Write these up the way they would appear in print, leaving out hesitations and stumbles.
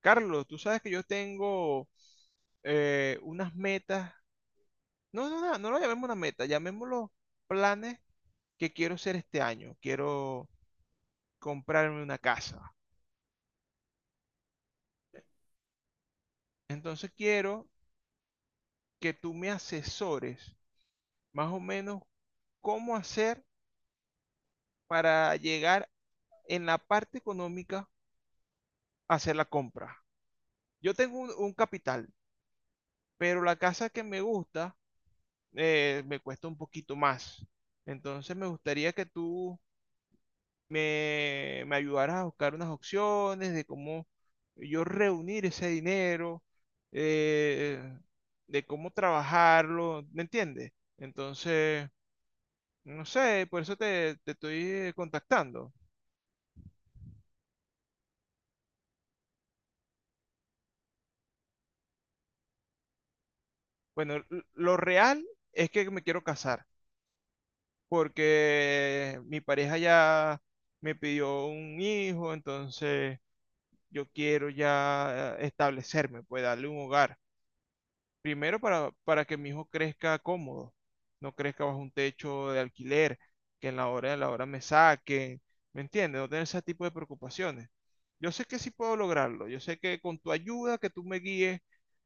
Carlos, tú sabes que yo tengo unas metas, no, no, no, no lo llamemos una meta, llamémoslo planes que quiero hacer este año. Quiero comprarme una casa. Entonces quiero que tú me asesores más o menos cómo hacer para llegar en la parte económica a hacer la compra. Yo tengo un capital, pero la casa que me gusta me cuesta un poquito más. Entonces me gustaría que tú me ayudaras a buscar unas opciones de cómo yo reunir ese dinero, eh, de cómo trabajarlo, ¿me entiendes? Entonces, no sé, por eso te estoy contactando. Bueno, lo real es que me quiero casar, porque mi pareja ya me pidió un hijo, entonces yo quiero ya establecerme, pues darle un hogar. Primero para que mi hijo crezca cómodo, no crezca bajo un techo de alquiler, que en la hora de la hora me saquen, ¿me entiendes? No tener ese tipo de preocupaciones. Yo sé que sí puedo lograrlo, yo sé que con tu ayuda, que tú me guíes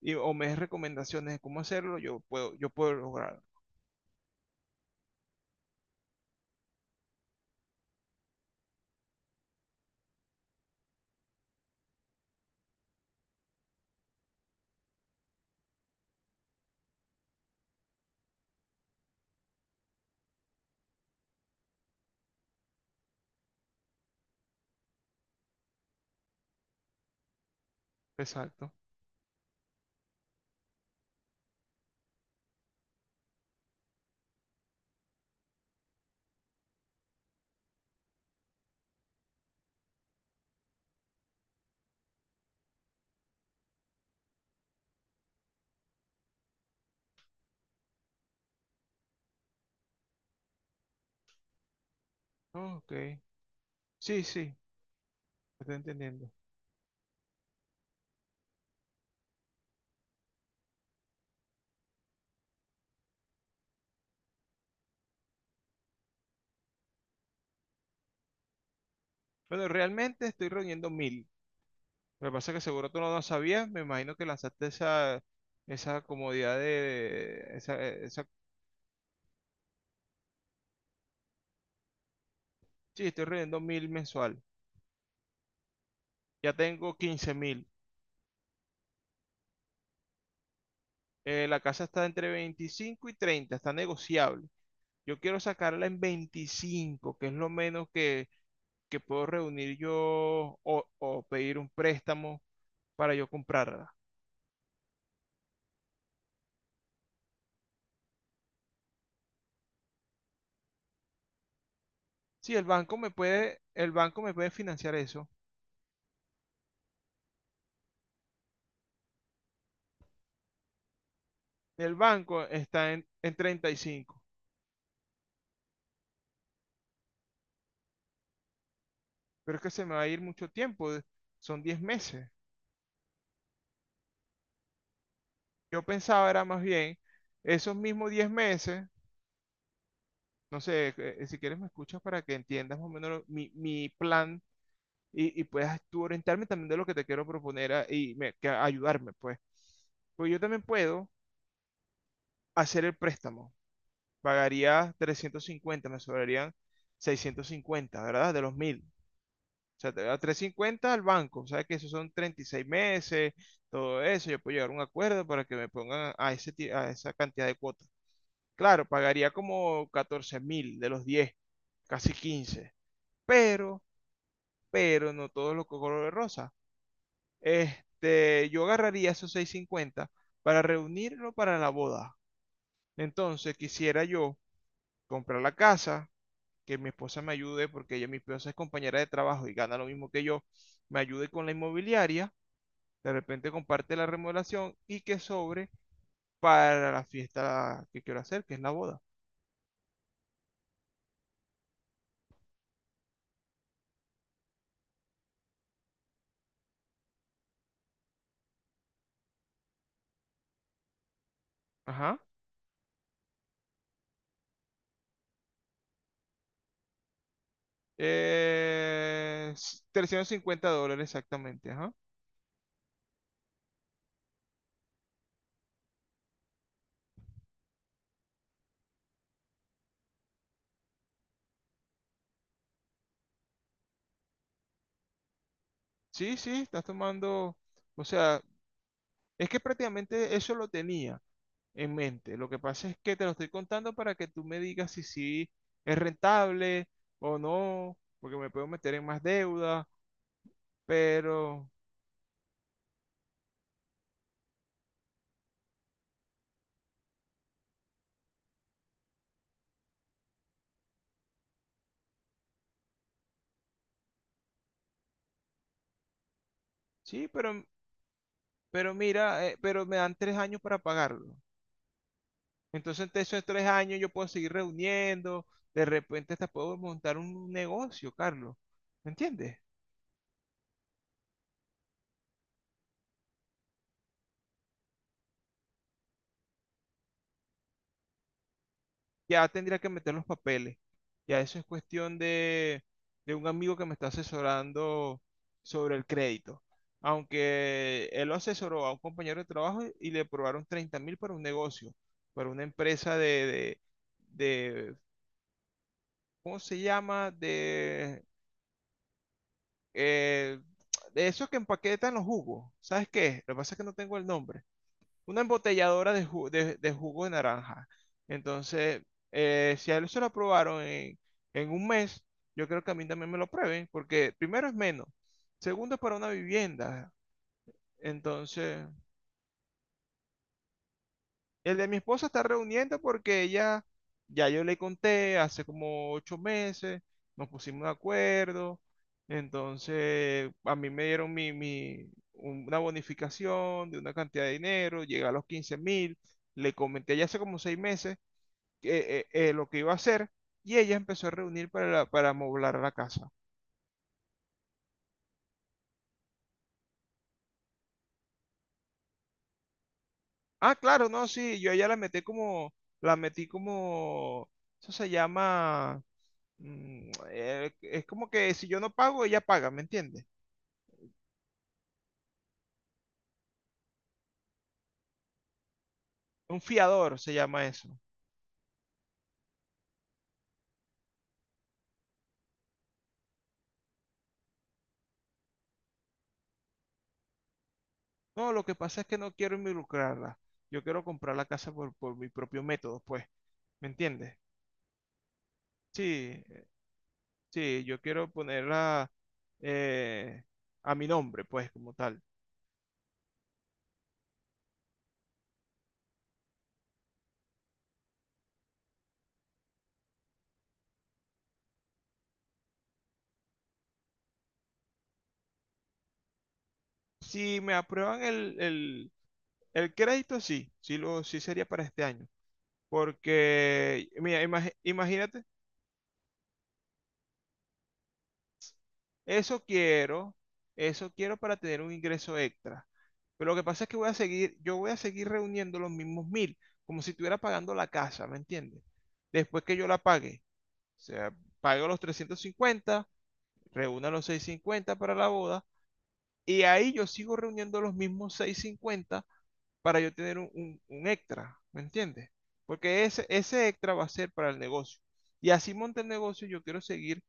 y, o me des recomendaciones de cómo hacerlo, yo puedo lograrlo. Exacto. Oh, ok. Sí, sí, estoy entendiendo. Bueno, realmente estoy reuniendo 1000. Lo que pasa es que seguro tú no lo sabías, me imagino que lanzaste esa comodidad de, esa. Sí, estoy reuniendo 1000 mensual. Ya tengo 15.000. La casa está entre 25 y 30, está negociable. Yo quiero sacarla en 25, que es lo menos que puedo reunir yo o pedir un préstamo para yo comprarla. Sí, el banco me puede financiar eso. El banco está en 35, pero es que se me va a ir mucho tiempo, son 10 meses. Yo pensaba era más bien esos mismos 10 meses. No sé, si quieres me escuchas para que entiendas más o menos mi plan y puedas tú orientarme también de lo que te quiero proponer que ayudarme, pues. Pues yo también puedo hacer el préstamo. Pagaría 350, me sobrarían 650, ¿verdad? De los 1000. O sea, te da 350 al banco. ¿Sabes que esos son 36 meses? Todo eso. Yo puedo llegar a un acuerdo para que me pongan a esa cantidad de cuotas. Claro, pagaría como 14.000 de los 10, casi 15. Pero pero no todos los color de rosa. Este, yo agarraría esos 650 para reunirlo para la boda. Entonces quisiera yo comprar la casa, que mi esposa me ayude, porque ella, mi esposa es compañera de trabajo y gana lo mismo que yo, me ayude con la inmobiliaria, de repente comparte la remodelación y que sobre para la fiesta que quiero hacer, que es la boda. Ajá. $350 exactamente, ajá. Sí, sí, estás tomando, o sea, es que prácticamente eso lo tenía en mente. Lo que pasa es que te lo estoy contando para que tú me digas si sí es rentable o no, porque me puedo meter en más deuda, pero sí, pero mira, pero me dan 3 años para pagarlo. Entonces, entre esos 3 años yo puedo seguir reuniendo, de repente hasta puedo montar un negocio, Carlos. ¿Me entiendes? Ya tendría que meter los papeles. Ya eso es cuestión de un amigo que me está asesorando sobre el crédito. Aunque él lo asesoró a un compañero de trabajo y le aprobaron 30.000 para un negocio, para una empresa de, de- ¿cómo se llama? Eh, de esos que empaquetan los jugos. ¿Sabes qué? Lo que pasa es que no tengo el nombre. Una embotelladora de jugo de naranja. Entonces, si a él se lo aprobaron en un mes, yo creo que a mí también me lo prueben, porque primero es menos, segundo es para una vivienda. Entonces, el de mi esposa está reuniendo porque ella, ya yo le conté hace como 8 meses, nos pusimos de acuerdo. Entonces, a mí me dieron una bonificación de una cantidad de dinero, llega a los 15.000. Le comenté ya hace como 6 meses lo que iba a hacer y ella empezó a reunir para amoblar la casa. Ah, claro, no, sí, yo a ella la metí como, eso se llama, es como que si yo no pago, ella paga, ¿me entiendes? Un fiador se llama eso. No, lo que pasa es que no quiero involucrarla. Yo quiero comprar la casa por mi propio método, pues, ¿me entiendes? Sí, sí, yo quiero ponerla eh, a mi nombre, pues, como tal. Si me aprueban el crédito, sí, sí, sí sería para este año. Porque, mira, imagínate, eso quiero, eso quiero para tener un ingreso extra. Pero lo que pasa es que yo voy a seguir reuniendo los mismos 1000, como si estuviera pagando la casa, ¿me entiendes? Después que yo la pague, o sea, pago los 350, reúna los 650 para la boda, y ahí yo sigo reuniendo los mismos 650 para yo tener un extra, ¿me entiendes? Porque ese extra va a ser para el negocio. Y así monte el negocio, yo quiero seguir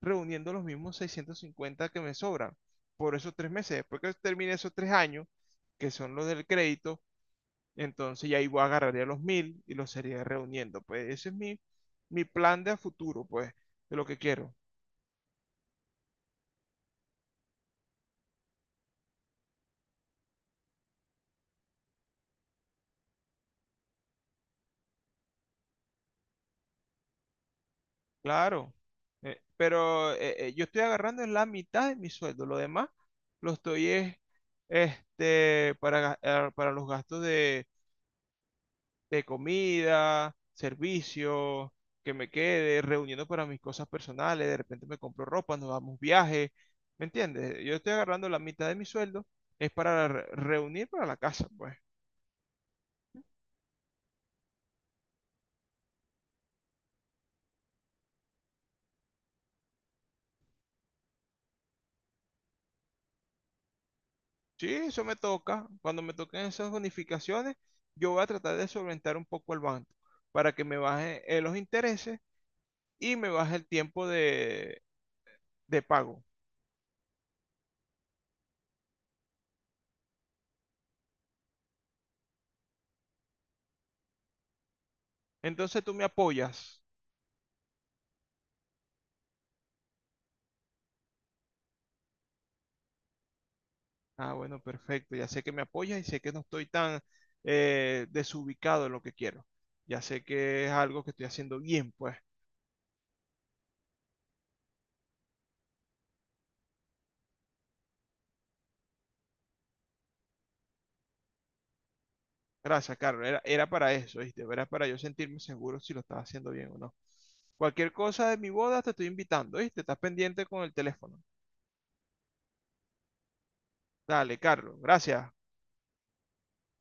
reuniendo los mismos 650 que me sobran por esos 3 meses. Después que termine esos 3 años, que son los del crédito, entonces ya ahí voy a agarrar ya los mil y los sería reuniendo. Pues ese es mi plan de a futuro, pues, de lo que quiero. Claro, yo estoy agarrando en la mitad de mi sueldo, lo demás lo estoy es, este, para los gastos de comida, servicio, que me quede, reuniendo para mis cosas personales, de repente me compro ropa, nos damos viaje, ¿me entiendes? Yo estoy agarrando la mitad de mi sueldo, es para reunir para la casa, pues. Sí, eso me toca. Cuando me toquen esas bonificaciones, yo voy a tratar de solventar un poco el banco para que me baje los intereses y me baje el tiempo de pago. Entonces tú me apoyas. Ah, bueno, perfecto. Ya sé que me apoyas y sé que no estoy tan desubicado en lo que quiero. Ya sé que es algo que estoy haciendo bien, pues. Gracias, Carlos. Era para eso, ¿viste? Era para yo sentirme seguro si lo estaba haciendo bien o no. Cualquier cosa de mi boda te estoy invitando, ¿viste? Estás pendiente con el teléfono. Dale, Carlos, gracias.